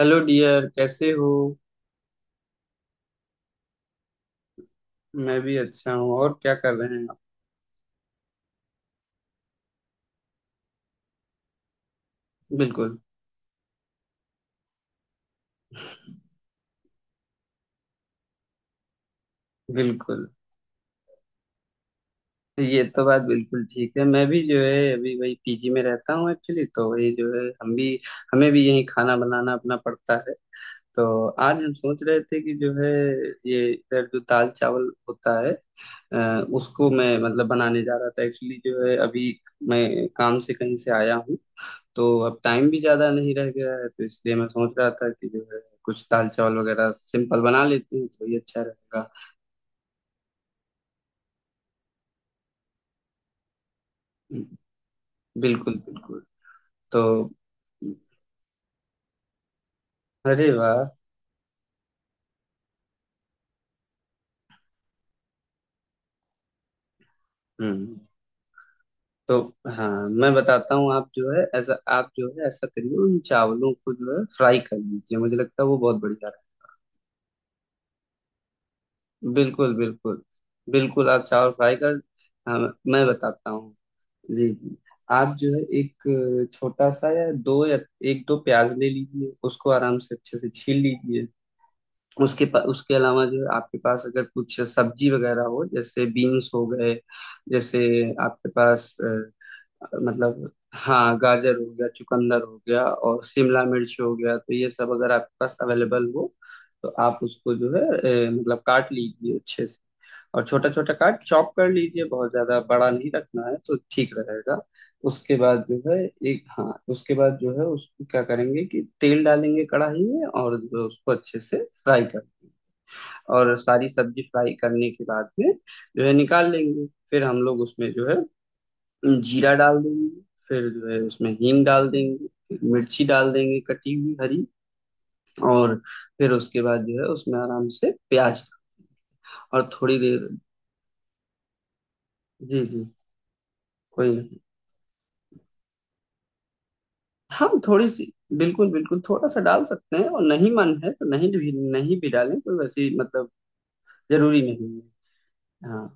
Hello dear, कैसे हो। मैं भी अच्छा हूँ और क्या कर रहे हैं आप। बिल्कुल बिल्कुल। ये तो बात बिल्कुल ठीक है। मैं भी जो है अभी वही पीजी में रहता हूँ एक्चुअली। तो वही जो है हम भी हमें भी यही खाना बनाना अपना पड़ता है। तो आज हम सोच रहे थे कि जो है ये इधर जो दाल चावल होता है, उसको मैं मतलब बनाने जा रहा था एक्चुअली। जो है अभी मैं काम से कहीं से आया हूँ। तो अब टाइम भी ज्यादा नहीं रह गया है। तो इसलिए मैं सोच रहा था कि जो है कुछ दाल चावल वगैरह सिंपल बना लेते हैं तो ये अच्छा रहेगा। हम्म, बिल्कुल बिल्कुल। तो अरे वाह। हम्म। तो हाँ मैं बताता हूँ। आप जो है ऐसा करिए। उन चावलों को जो है फ्राई कर लीजिए। मुझे लगता है वो बहुत बढ़िया है। बिल्कुल बिल्कुल। बिल्कुल आप चावल फ्राई कर। हाँ मैं बताता हूँ। जी जी। आप जो है एक छोटा सा, या दो, या एक दो प्याज ले लीजिए। उसको आराम से अच्छे से छील लीजिए। उसके अलावा जो है आपके पास अगर कुछ सब्जी वगैरह हो, जैसे बीन्स हो गए, जैसे आपके पास मतलब, हाँ, गाजर हो गया, चुकंदर हो गया और शिमला मिर्च हो गया, तो ये सब अगर आपके पास अवेलेबल हो, तो आप उसको जो है मतलब काट लीजिए अच्छे से। और छोटा छोटा काट, चॉप कर लीजिए। बहुत ज्यादा बड़ा नहीं रखना है तो ठीक रहेगा। उसके बाद जो है, एक, हाँ, उसके बाद जो है उसको क्या करेंगे कि तेल डालेंगे कढ़ाई में और जो उसको अच्छे से फ्राई कर, और सारी सब्जी फ्राई करने के बाद में जो है निकाल लेंगे। फिर हम लोग उसमें जो है जीरा डाल देंगे, फिर जो है उसमें हींग डाल देंगे, फिर मिर्ची डाल देंगे कटी हुई हरी। और फिर उसके बाद जो है उसमें आराम से प्याज और थोड़ी देर। जी जी। कोई नहीं, हम थोड़ी सी, बिल्कुल बिल्कुल थोड़ा सा डाल सकते हैं। और नहीं मन है तो नहीं भी डालें, कोई वैसी मतलब जरूरी नहीं है। हाँ।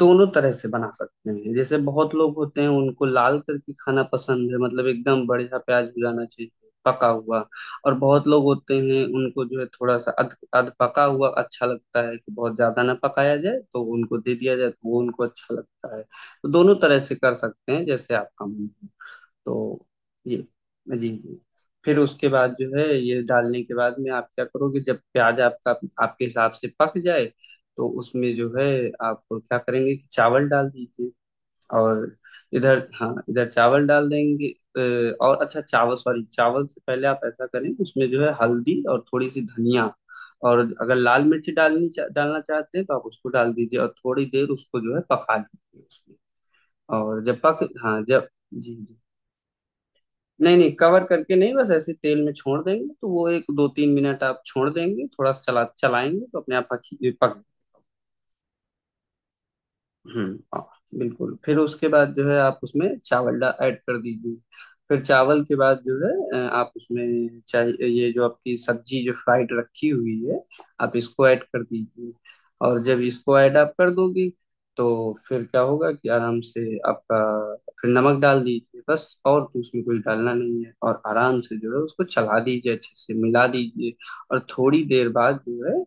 दोनों तरह से बना सकते हैं। जैसे बहुत लोग होते हैं उनको लाल करके खाना पसंद है, मतलब एकदम बढ़िया प्याज भुनाना चाहिए, पका हुआ। और बहुत लोग होते हैं उनको जो है थोड़ा सा अध अध पका हुआ अच्छा लगता है, कि बहुत ज्यादा ना पकाया जाए तो उनको दे दिया जाए, तो वो उनको अच्छा लगता है। तो दोनों तरह से कर सकते हैं जैसे आपका मन। तो ये। जी जी। फिर उसके बाद जो है ये डालने के बाद में आप क्या करोगे, जब प्याज आपका आपके हिसाब से पक जाए तो उसमें जो है आप क्या करेंगे कि चावल डाल दीजिए। और इधर, हाँ, इधर चावल डाल देंगे। और अच्छा, चावल, सॉरी, चावल से पहले आप ऐसा करें उसमें जो है हल्दी और थोड़ी सी धनिया, और अगर लाल मिर्च डालना चाहते हैं तो आप उसको डाल दीजिए और थोड़ी देर उसको जो है पका लीजिए उसमें। और जब पक हाँ, जब। जी। नहीं नहीं, कवर करके नहीं, बस ऐसे तेल में छोड़ देंगे तो वो एक दो तीन मिनट आप छोड़ देंगे, थोड़ा चलाएंगे तो अपने आप पक पक। हम्म, हाँ, बिल्कुल। फिर उसके बाद जो है आप उसमें चावल डा ऐड कर दीजिए। फिर चावल के बाद जो है आप उसमें चाहे ये जो आपकी सब्जी जो फ्राइड रखी हुई है, आप इसको ऐड कर दीजिए। और जब इसको ऐड आप कर दोगी, तो फिर क्या होगा कि आराम से आपका फिर नमक डाल दीजिए। बस, और तो उसमें कुछ डालना नहीं है। और आराम से जो है उसको चला दीजिए, अच्छे से मिला दीजिए। और थोड़ी देर बाद जो है,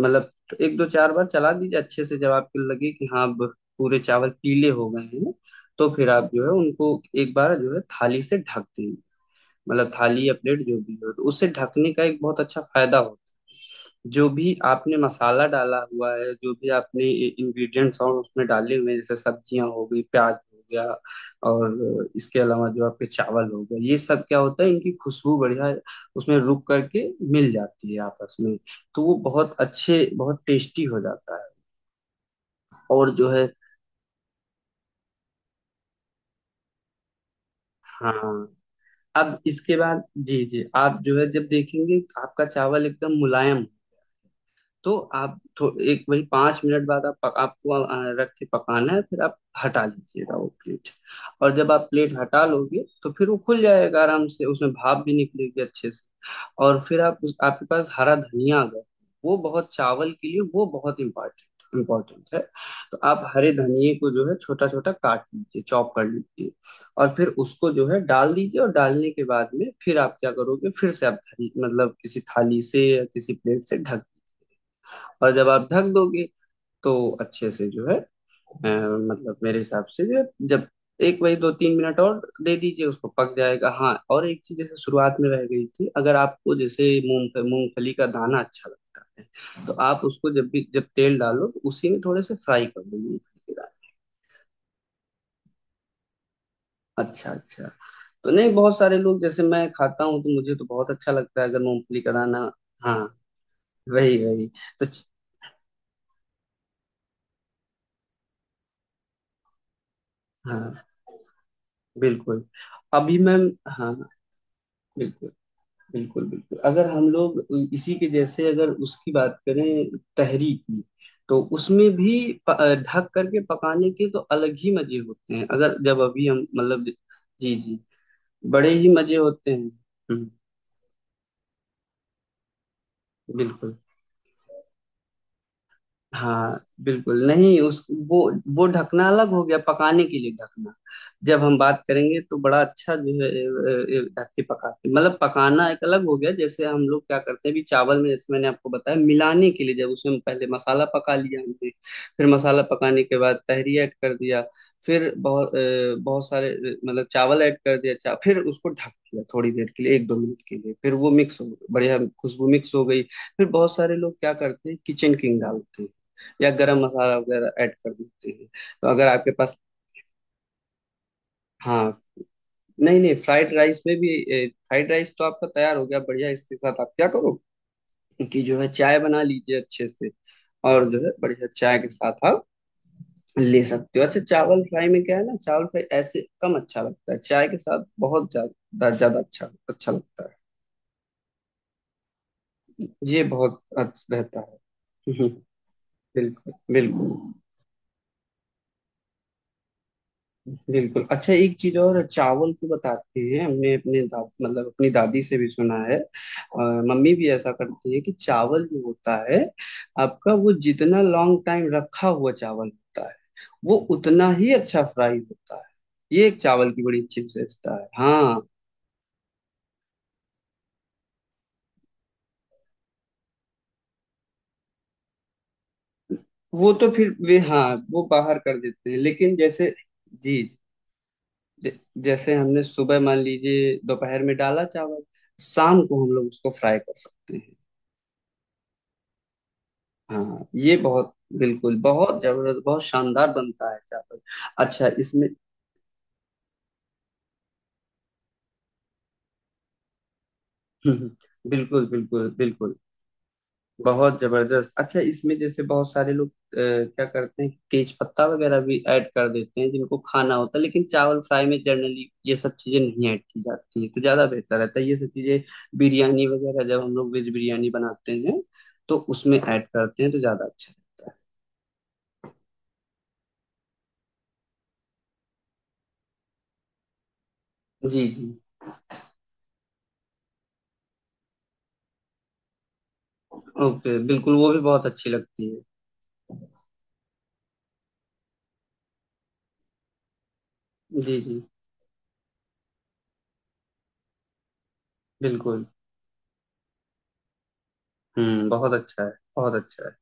मतलब एक दो चार बार चला दीजिए अच्छे से। जब आपको लगे कि हाँ अब पूरे चावल पीले हो गए हैं, तो फिर आप जो है उनको एक बार जो है थाली से ढक दें। मतलब थाली या प्लेट जो भी हो। तो उससे ढकने का एक बहुत अच्छा फायदा होता है, जो भी आपने मसाला डाला हुआ है, जो भी आपने इंग्रेडिएंट्स और उसमें डाले हुए हैं, जैसे सब्जियां हो गई, प्याज हो गया, और इसके अलावा जो आपके चावल हो गए, ये सब क्या होता है, इनकी खुशबू बढ़िया उसमें रुक करके मिल जाती है आपस में। तो वो बहुत अच्छे, बहुत टेस्टी हो जाता है। और जो है, हाँ, अब इसके बाद, जी जी, आप जो है जब देखेंगे आपका चावल एकदम मुलायम, तो आप एक वही 5 मिनट बाद आप आपको रख के पकाना है, फिर आप हटा लीजिएगा वो प्लेट। और जब आप प्लेट हटा लोगे तो फिर वो खुल जाएगा आराम से, उसमें भाप भी निकलेगी अच्छे से। और फिर आप आपके पास हरा धनिया अगर, वो बहुत चावल के लिए वो बहुत इम्पोर्टेंट इम्पोर्टेंट है। तो आप हरे धनिए को जो है छोटा छोटा काट लीजिए, चॉप कर लीजिए। और फिर उसको जो है डाल दीजिए। और डालने के बाद में फिर आप क्या करोगे, फिर से आप मतलब किसी थाली से या किसी प्लेट से ढक। और जब आप ढक दोगे, तो अच्छे से जो है मतलब मेरे हिसाब से जो है जब एक वही दो तीन मिनट और दे दीजिए, उसको पक जाएगा। हाँ, और एक चीज जैसे शुरुआत में रह गई थी, अगर आपको जैसे मूंगफली का दाना अच्छा लगता है, तो आप उसको जब तेल डालो तो उसी में थोड़े से फ्राई कर दो मूंगफली के दाने। अच्छा अच्छा। तो नहीं, बहुत सारे लोग जैसे, मैं खाता हूँ तो मुझे तो बहुत अच्छा लगता है अगर मूंगफली का दाना। हाँ, वही वही। तो च- हाँ, बिल्कुल। अभी मैम, हाँ, बिल्कुल बिल्कुल बिल्कुल। अगर हम लोग इसी के जैसे अगर उसकी बात करें तहरी की, तो उसमें भी ढक करके पकाने के तो अलग ही मजे होते हैं, अगर। जब अभी हम मतलब, जी जी, बड़े ही मजे होते हैं। हम्म, बिल्कुल। हाँ, बिल्कुल। नहीं, उस वो ढकना अलग हो गया, पकाने के लिए ढकना। जब हम बात करेंगे तो बड़ा अच्छा। जो है ढक के पकाते, मतलब पकाना एक अलग हो गया। जैसे हम लोग क्या करते हैं अभी चावल में, जैसे मैंने आपको बताया, मिलाने के लिए जब उसमें पहले मसाला पका लिया हमने, फिर मसाला पकाने के बाद तहरी ऐड कर दिया। फिर बहुत सारे मतलब चावल ऐड कर दिया, फिर उसको ढक दिया थोड़ी देर के लिए, एक दो मिनट के लिए। फिर वो मिक्स हो, बढ़िया खुशबू मिक्स हो गई। फिर बहुत सारे लोग क्या करते हैं, किचन किंग डालते हैं या गरम मसाला वगैरह ऐड कर देते हैं, तो अगर आपके पास, हाँ। नहीं नहीं, फ्राइड राइस तो आपका तैयार हो गया बढ़िया। इसके साथ आप क्या करो कि जो है चाय बना लीजिए अच्छे से। और जो है बढ़िया चाय के साथ आप ले सकते हो। अच्छा, चावल फ्राई में क्या है ना, चावल फ्राई ऐसे कम अच्छा लगता है, चाय के साथ बहुत ज्यादा ज्यादा अच्छा अच्छा लगता है। ये बहुत अच्छा रहता है। बिल्कुल बिल्कुल बिल्कुल। अच्छा, एक चीज और चावल को बताते हैं, हमने अपने मतलब अपनी दादी से भी सुना है, और मम्मी भी ऐसा करती है, कि चावल जो होता है आपका, वो जितना लॉन्ग टाइम रखा हुआ चावल होता है, वो उतना ही अच्छा फ्राई होता है। ये एक चावल की बड़ी अच्छी विशेषता है। हाँ। वो तो फिर वे हाँ, वो बाहर कर देते हैं। लेकिन जैसे, जी, ज- जैसे हमने सुबह मान लीजिए दोपहर में डाला चावल, शाम को हम लोग उसको फ्राई कर सकते हैं। हाँ, ये बहुत बिल्कुल बहुत जबरदस्त बहुत शानदार बनता है चावल। अच्छा, इसमें बिल्कुल बिल्कुल बिल्कुल, बहुत जबरदस्त। अच्छा, इसमें जैसे बहुत सारे लोग क्या करते हैं, तेज पत्ता वगैरह भी ऐड कर देते हैं जिनको खाना होता है। लेकिन चावल फ्राई में जनरली ये सब चीजें नहीं ऐड की जाती हैं, तो ज्यादा बेहतर रहता है। ये सब चीजें बिरयानी वगैरह, जब हम लोग वेज बिरयानी बनाते हैं, तो उसमें ऐड करते हैं, तो ज्यादा अच्छा रहता है। जी जी। ओके, बिल्कुल, वो भी बहुत अच्छी लगती है। जी जी बिल्कुल। हम्म, बहुत अच्छा है। बहुत अच्छा है।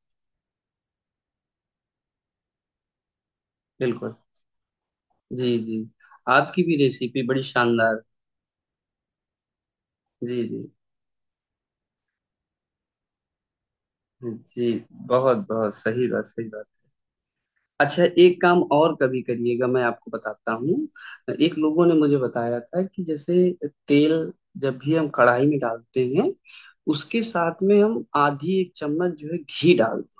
बिल्कुल, जी जी, आपकी भी रेसिपी बड़ी शानदार। जी जी जी। बहुत बहुत सही बात, सही बात। अच्छा, एक काम और कभी करिएगा, मैं आपको बताता हूँ। एक लोगों ने मुझे बताया था कि जैसे तेल जब भी हम कढ़ाई में डालते हैं, उसके साथ में हम आधी एक चम्मच जो है घी डालते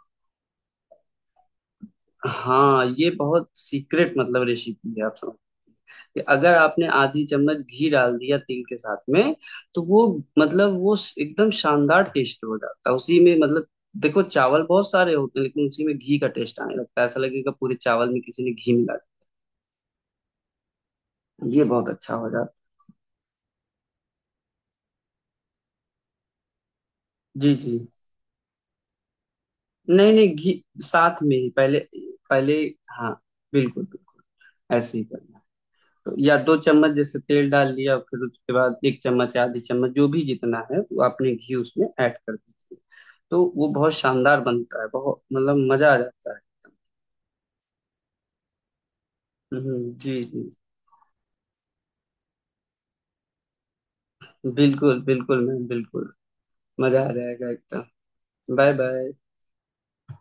हैं। हाँ, ये बहुत सीक्रेट मतलब रेसिपी है, आप समझ। कि अगर आपने आधी चम्मच घी डाल दिया तेल के साथ में, तो वो, मतलब वो एकदम शानदार टेस्ट हो जाता है उसी में। मतलब देखो चावल बहुत सारे होते हैं, लेकिन उसी में घी का टेस्ट आने लगता है, ऐसा लगेगा पूरे चावल में किसी ने घी मिला दिया। ये बहुत अच्छा हो जाता है। जी जी। नहीं नहीं, घी साथ में ही पहले। पहले हाँ, बिल्कुल बिल्कुल ऐसे ही करना। तो या दो चम्मच जैसे तेल डाल लिया, फिर उसके बाद एक चम्मच या आधी चम्मच जो भी जितना है, वो आपने घी उसमें ऐड कर दीजिए। तो वो बहुत शानदार बनता है, बहुत मतलब मजा आ जाता है। जी जी बिल्कुल बिल्कुल मैम बिल्कुल, मजा आ जाएगा एकदम। Bye bye.